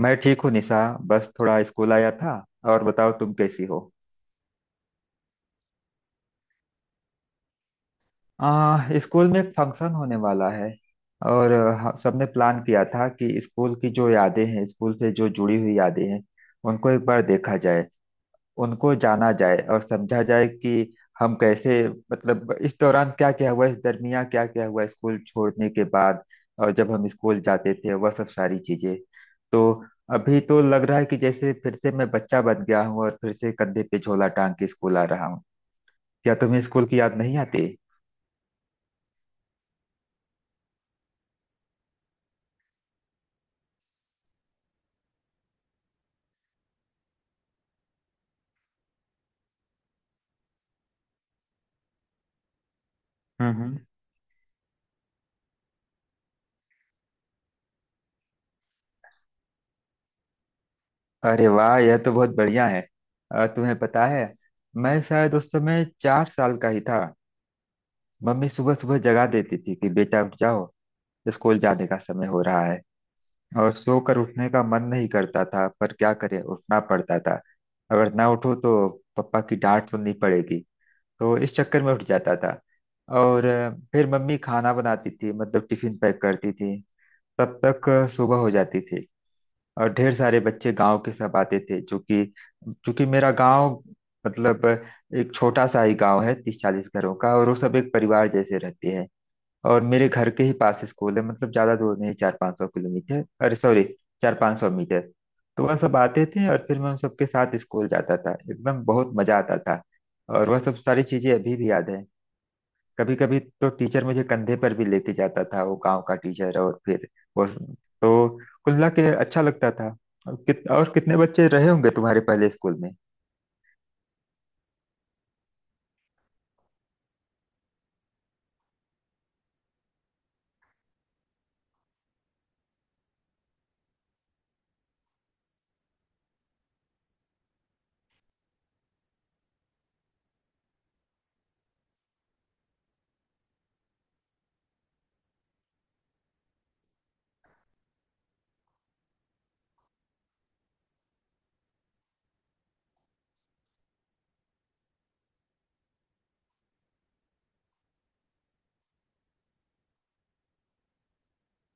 मैं ठीक हूँ निशा। बस थोड़ा स्कूल आया था। और बताओ तुम कैसी हो। स्कूल में एक फंक्शन होने वाला है। और सबने प्लान किया था कि स्कूल की जो यादें हैं स्कूल से जो जुड़ी हुई यादें हैं उनको एक बार देखा जाए, उनको जाना जाए और समझा जाए कि हम कैसे, मतलब इस दौरान क्या क्या हुआ, इस दरमियान क्या क्या हुआ स्कूल छोड़ने के बाद। और जब हम स्कूल जाते थे वह सब सारी चीजें। तो अभी तो लग रहा है कि जैसे फिर से मैं बच्चा बन गया हूँ और फिर से कंधे पे झोला टांग के स्कूल आ रहा हूँ। क्या तुम्हें स्कूल की याद नहीं आती? हम्म। अरे वाह, यह तो बहुत बढ़िया है। तुम्हें पता है मैं शायद उस समय 4 साल का ही था। मम्मी सुबह सुबह जगा देती थी कि बेटा उठ जाओ, स्कूल जाने का समय हो रहा है। और सोकर उठने का मन नहीं करता था पर क्या करें, उठना पड़ता था। अगर ना उठो तो पापा की डांट सुननी पड़ेगी। तो इस चक्कर में उठ जाता था। और फिर मम्मी खाना बनाती थी, मतलब टिफिन पैक करती थी। तब तक सुबह हो जाती थी। और ढेर सारे बच्चे गांव के सब आते थे, जो कि चूंकि मेरा गांव, मतलब एक छोटा सा ही गांव है 30-40 घरों का, और वो सब एक परिवार जैसे रहते हैं। और मेरे घर के ही पास स्कूल है, मतलब ज्यादा दूर नहीं, 400-500 किलोमीटर, अरे सॉरी, 400-500 मीटर। तो वह सब आते थे और फिर मैं उन सबके साथ स्कूल जाता था, एकदम बहुत मजा आता था। और वह सब सारी चीजें अभी भी याद है। कभी कभी तो टीचर मुझे कंधे पर भी लेके जाता था, वो गांव का टीचर। और फिर वो, तो कुल मिला के अच्छा लगता था। और कितने बच्चे रहे होंगे तुम्हारे पहले स्कूल में?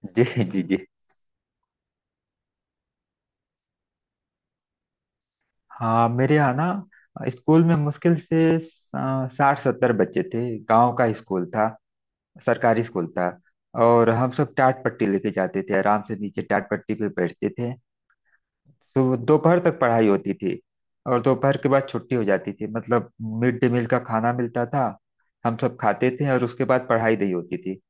जी। जी जी। हाँ, मेरे यहाँ ना स्कूल में मुश्किल से 60-70 बच्चे थे, गांव का स्कूल था, सरकारी स्कूल था। और हम सब टाट पट्टी लेके जाते थे, आराम से नीचे टाट पट्टी पे बैठते थे। तो दोपहर तक पढ़ाई होती थी, और दोपहर के बाद छुट्टी हो जाती थी। मतलब मिड डे मील का खाना मिलता था, हम सब खाते थे, और उसके बाद पढ़ाई नहीं होती थी।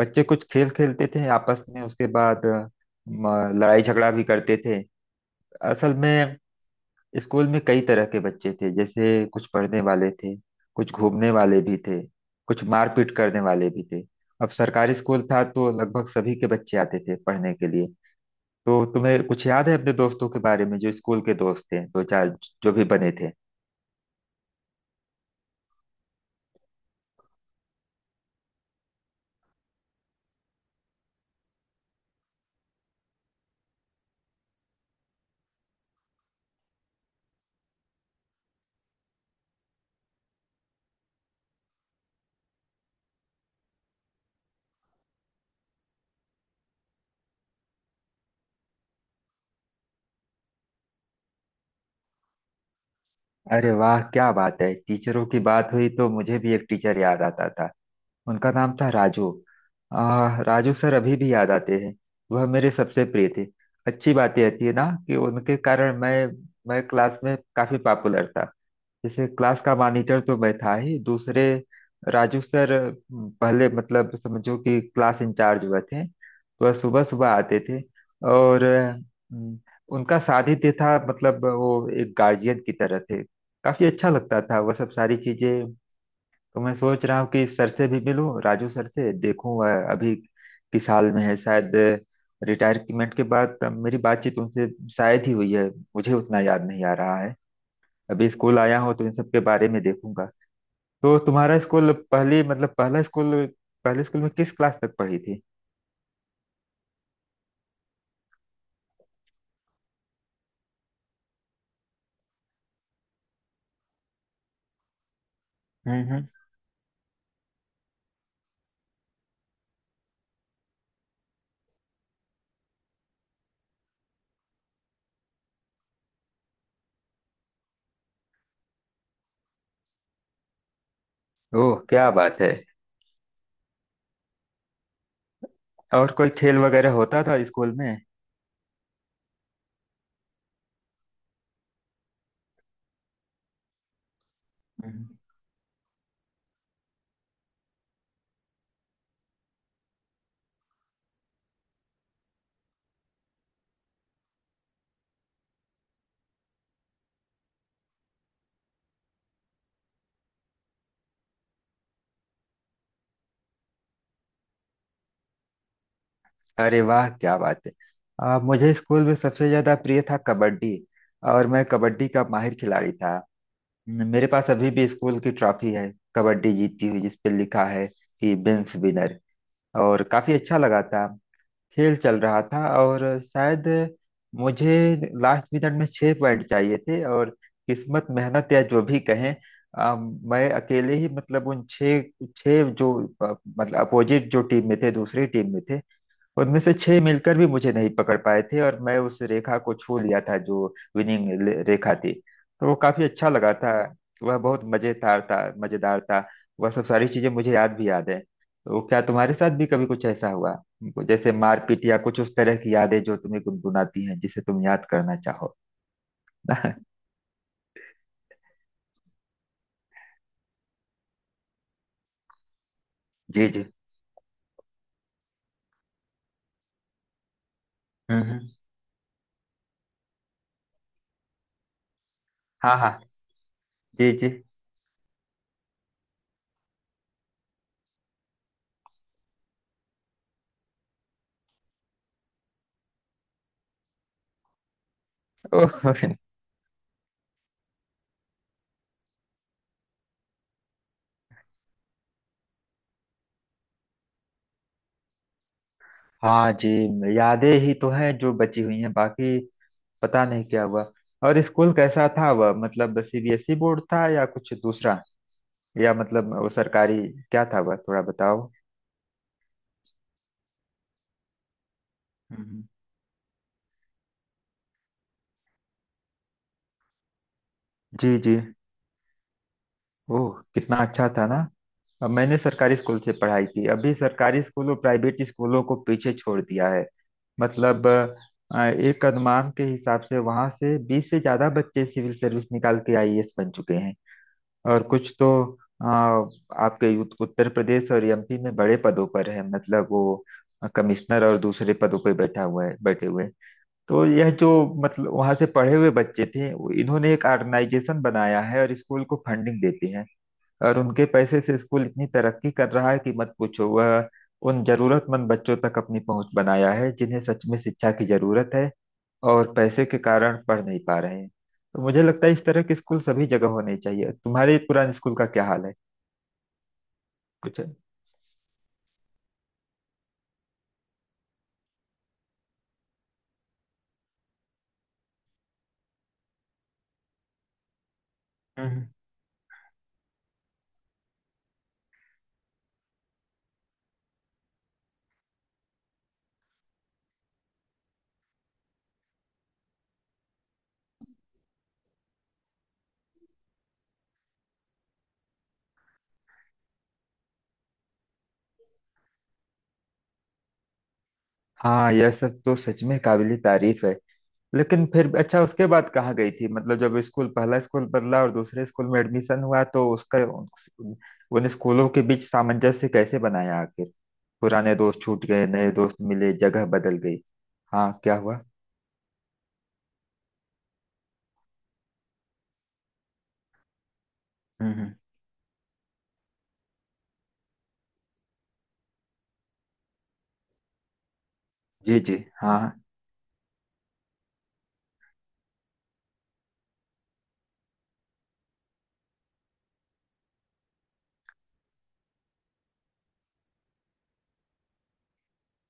बच्चे कुछ खेल खेलते थे आपस में, उसके बाद लड़ाई झगड़ा भी करते थे असल में। स्कूल में कई तरह के बच्चे थे, जैसे कुछ पढ़ने वाले थे, कुछ घूमने वाले भी थे, कुछ मारपीट करने वाले भी थे। अब सरकारी स्कूल था तो लगभग सभी के बच्चे आते थे पढ़ने के लिए। तो तुम्हें कुछ याद है अपने दोस्तों के बारे में, जो स्कूल के दोस्त थे, दो चार जो भी बने थे? अरे वाह, क्या बात है, टीचरों की बात हुई तो मुझे भी एक टीचर याद आता था। उनका नाम था राजू। राजू सर अभी भी याद आते हैं। वह मेरे सबसे प्रिय थे। अच्छी बात यह थी ना कि उनके कारण मैं क्लास में काफी पॉपुलर था। जैसे क्लास का मॉनिटर तो मैं था ही, दूसरे राजू सर पहले, मतलब समझो कि क्लास इंचार्ज हुए थे। वह सुबह सुबह आते थे। और उनका सानिध्य था, मतलब वो एक गार्जियन की तरह थे। काफी अच्छा लगता था वह सब सारी चीजें। तो मैं सोच रहा हूँ कि सर से भी मिलूं, राजू सर से, देखूं वह अभी किस हाल में है। शायद रिटायरमेंट के बाद मेरी बातचीत उनसे शायद ही हुई है, मुझे उतना याद नहीं आ रहा है। अभी स्कूल आया हूं तो इन सब के बारे में देखूंगा। तो तुम्हारा स्कूल पहली, मतलब पहला स्कूल, पहले स्कूल में किस क्लास तक पढ़ी थी? हम्म हम्म। ओह, क्या बात है। और कोई खेल वगैरह होता था स्कूल में? हम्म। अरे वाह, क्या बात है। मुझे स्कूल में सबसे ज्यादा प्रिय था कबड्डी, और मैं कबड्डी का माहिर खिलाड़ी था। मेरे पास अभी भी स्कूल की ट्रॉफी है कबड्डी जीती हुई, जिस पे लिखा है कि बेंस विनर। और काफी अच्छा लगा था। खेल चल रहा था और शायद मुझे लास्ट मिनट में 6 पॉइंट चाहिए थे। और किस्मत, मेहनत, या जो भी कहें, मैं अकेले ही, मतलब उन छह, छह जो मतलब अपोजिट जो टीम में थे, दूसरी टीम में थे, उनमें से छह मिलकर भी मुझे नहीं पकड़ पाए थे, और मैं उस रेखा को छू लिया था जो विनिंग रेखा थी। तो वो काफी अच्छा लगा था। वह बहुत मजेदार था, मजेदार था। वह सब सारी चीजें मुझे याद, भी याद है। तो क्या तुम्हारे साथ भी कभी कुछ ऐसा हुआ, जैसे मारपीट या कुछ उस तरह की यादें जो तुम्हें गुनगुनाती हैं, जिसे तुम याद करना चाहो? जी जी। हम्म हम्म। हाँ हाँ। जी जी। ओह। हाँ जी। यादें ही तो हैं जो बची हुई हैं, बाकी पता नहीं क्या हुआ। और स्कूल कैसा था वह, मतलब सीबीएसई बोर्ड था या कुछ दूसरा, या मतलब वो सरकारी, क्या था वह, थोड़ा बताओ? हम्म। जी जी। ओह, कितना अच्छा था ना। अब मैंने सरकारी स्कूल से पढ़ाई की, अभी सरकारी स्कूल और प्राइवेट स्कूलों को पीछे छोड़ दिया है। मतलब एक अनुमान के हिसाब से वहां से 20 से ज्यादा बच्चे सिविल सर्विस निकाल के आईएएस बन चुके हैं। और कुछ तो आ, आपके उत्तर प्रदेश और एमपी में बड़े पदों पर है, मतलब वो कमिश्नर और दूसरे पदों पर बैठा हुआ है, बैठे हुए हैं। तो यह जो, मतलब वहां से पढ़े हुए बच्चे थे इन्होंने एक ऑर्गेनाइजेशन बनाया है और स्कूल को फंडिंग देते हैं, और उनके पैसे से स्कूल इतनी तरक्की कर रहा है कि मत पूछो। वह उन जरूरतमंद बच्चों तक अपनी पहुंच बनाया है जिन्हें सच में शिक्षा की जरूरत है और पैसे के कारण पढ़ नहीं पा रहे हैं। तो मुझे लगता है इस तरह के स्कूल सभी जगह होने चाहिए। तुम्हारे पुराने स्कूल का क्या हाल है, कुछ है? हम्म। हाँ, यह सब तो सच में काबिल तारीफ है। लेकिन फिर अच्छा, उसके बाद कहाँ गई थी, मतलब जब स्कूल, पहला स्कूल बदला और दूसरे स्कूल में एडमिशन हुआ, तो उसका उन स्कूलों के बीच सामंजस्य कैसे बनाया आखिर? पुराने दोस्त छूट गए, नए दोस्त मिले, जगह बदल गई। हाँ, क्या हुआ? हम्म हम्म, जी जी। हाँ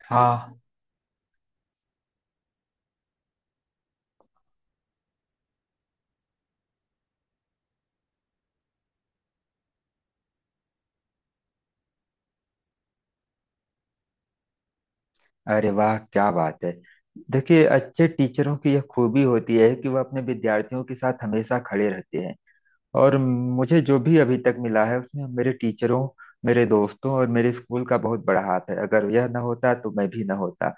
हाँ। अरे वाह, क्या बात है। देखिए, अच्छे टीचरों की यह खूबी होती है कि वह अपने विद्यार्थियों के साथ हमेशा खड़े रहते हैं। और मुझे जो भी अभी तक मिला है उसमें मेरे टीचरों, मेरे दोस्तों और मेरे स्कूल का बहुत बड़ा हाथ है। अगर यह ना होता तो मैं भी ना होता,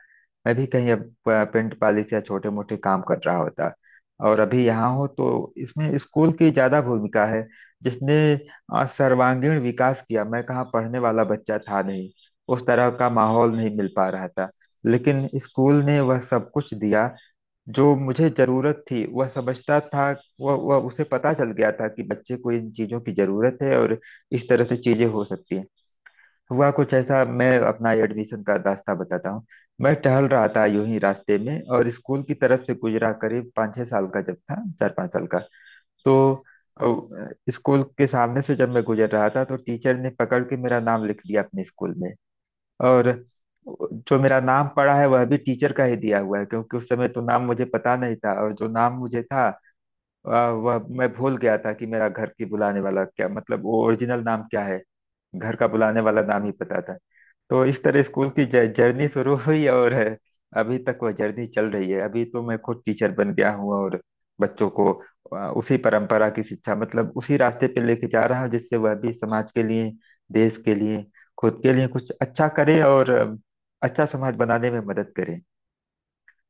मैं भी कहीं अब पेंट पॉलिश या छोटे मोटे काम कर रहा होता। और अभी यहाँ हो तो इसमें स्कूल की ज्यादा भूमिका है, जिसने सर्वांगीण विकास किया। मैं कहाँ पढ़ने वाला बच्चा था, नहीं उस तरह का माहौल नहीं मिल पा रहा था। लेकिन स्कूल ने वह सब कुछ दिया जो मुझे जरूरत थी, वह समझता था, वह उसे पता चल गया था कि बच्चे को इन चीजों की जरूरत है, और इस तरह से चीजें हो सकती हैं। हुआ कुछ ऐसा, मैं अपना एडमिशन का रास्ता बताता हूँ। मैं टहल रहा था यूं ही रास्ते में और स्कूल की तरफ से गुजरा, करीब 5-6 साल का जब था, 4-5 साल का। तो स्कूल के सामने से जब मैं गुजर रहा था तो टीचर ने पकड़ के मेरा नाम लिख दिया अपने स्कूल में। और जो मेरा नाम पड़ा है वह भी टीचर का ही दिया हुआ है, क्योंकि उस समय तो नाम मुझे पता नहीं था, और जो नाम मुझे था वह मैं भूल गया था, कि मेरा घर की बुलाने वाला क्या, मतलब वो ओरिजिनल नाम क्या है। घर का बुलाने वाला नाम ही पता था। तो इस तरह स्कूल की जर्नी शुरू हुई, और अभी तक वह जर्नी चल रही है। अभी तो मैं खुद टीचर बन गया हूँ और बच्चों को उसी परंपरा की शिक्षा, मतलब उसी रास्ते पे लेके जा रहा हूँ, जिससे वह भी समाज के लिए, देश के लिए, खुद के लिए कुछ अच्छा करे, और अच्छा समाज बनाने में मदद करे।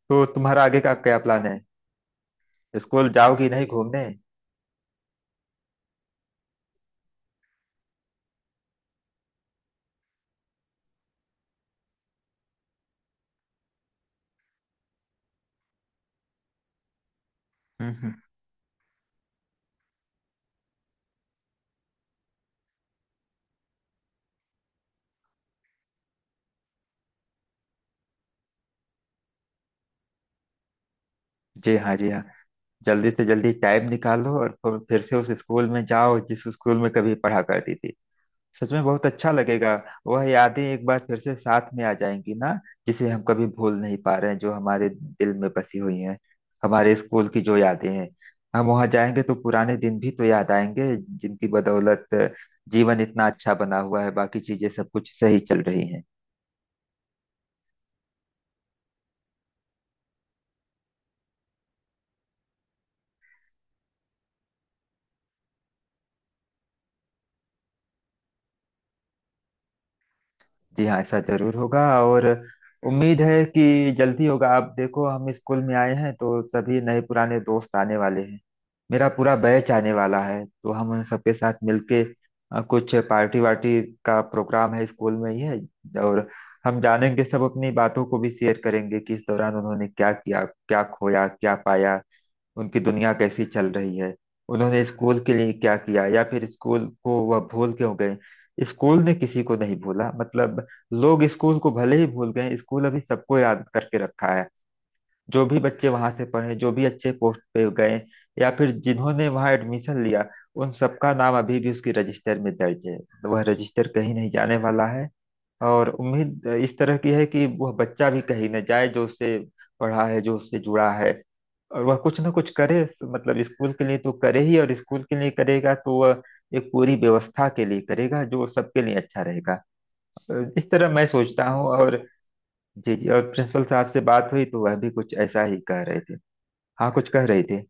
तो तुम्हारा आगे का क्या प्लान है, स्कूल जाओगी नहीं घूमने? हम्म हम्म। जी हाँ, जी हाँ। जल्दी से जल्दी टाइम निकालो और फिर से उस स्कूल में जाओ जिस स्कूल में कभी पढ़ा करती थी। सच में बहुत अच्छा लगेगा। वह यादें एक बार फिर से साथ में आ जाएंगी ना, जिसे हम कभी भूल नहीं पा रहे हैं, जो हमारे दिल में बसी हुई हैं, हमारे स्कूल की जो यादें हैं। हम वहां जाएंगे तो पुराने दिन भी तो याद आएंगे, जिनकी बदौलत जीवन इतना अच्छा बना हुआ है, बाकी चीजें सब कुछ सही चल रही हैं। जी हाँ, ऐसा जरूर होगा। और उम्मीद है कि जल्दी होगा। आप देखो, हम स्कूल में आए हैं तो सभी नए पुराने दोस्त आने वाले हैं, मेरा पूरा बैच आने वाला है। तो हम उन सबके साथ मिलके कुछ पार्टी वार्टी का प्रोग्राम है, स्कूल में ही है। और हम जानेंगे सब, अपनी बातों को भी शेयर करेंगे कि इस दौरान उन्होंने क्या किया, क्या खोया क्या पाया, उनकी दुनिया कैसी चल रही है, उन्होंने स्कूल के लिए क्या किया, या फिर स्कूल को वह भूल क्यों गए। स्कूल ने किसी को नहीं भूला, मतलब लोग स्कूल को भले ही भूल गए, स्कूल अभी सबको याद करके रखा है। जो भी बच्चे वहां से पढ़े, जो भी अच्छे पोस्ट पे गए, या फिर जिन्होंने वहां एडमिशन लिया, उन सबका नाम अभी भी उसकी रजिस्टर में दर्ज है। वह रजिस्टर कहीं नहीं जाने वाला है। और उम्मीद इस तरह की है कि वह बच्चा भी कहीं न जाए जो उससे पढ़ा है, जो उससे जुड़ा है, और वह कुछ ना कुछ करे, मतलब स्कूल के लिए तो करे ही, और स्कूल के लिए करेगा तो वह एक पूरी व्यवस्था के लिए करेगा जो सबके लिए अच्छा रहेगा। इस तरह मैं सोचता हूँ, और जी जी, और प्रिंसिपल साहब से बात हुई तो वह भी कुछ ऐसा ही कह रहे थे। हाँ, कुछ कह रहे थे।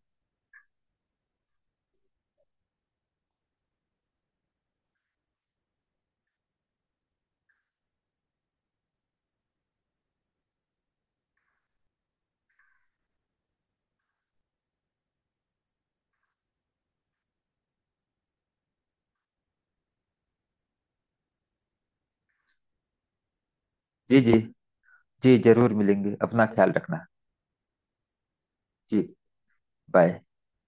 जी जी। जी जरूर मिलेंगे, अपना ख्याल रखना। जी। बाय।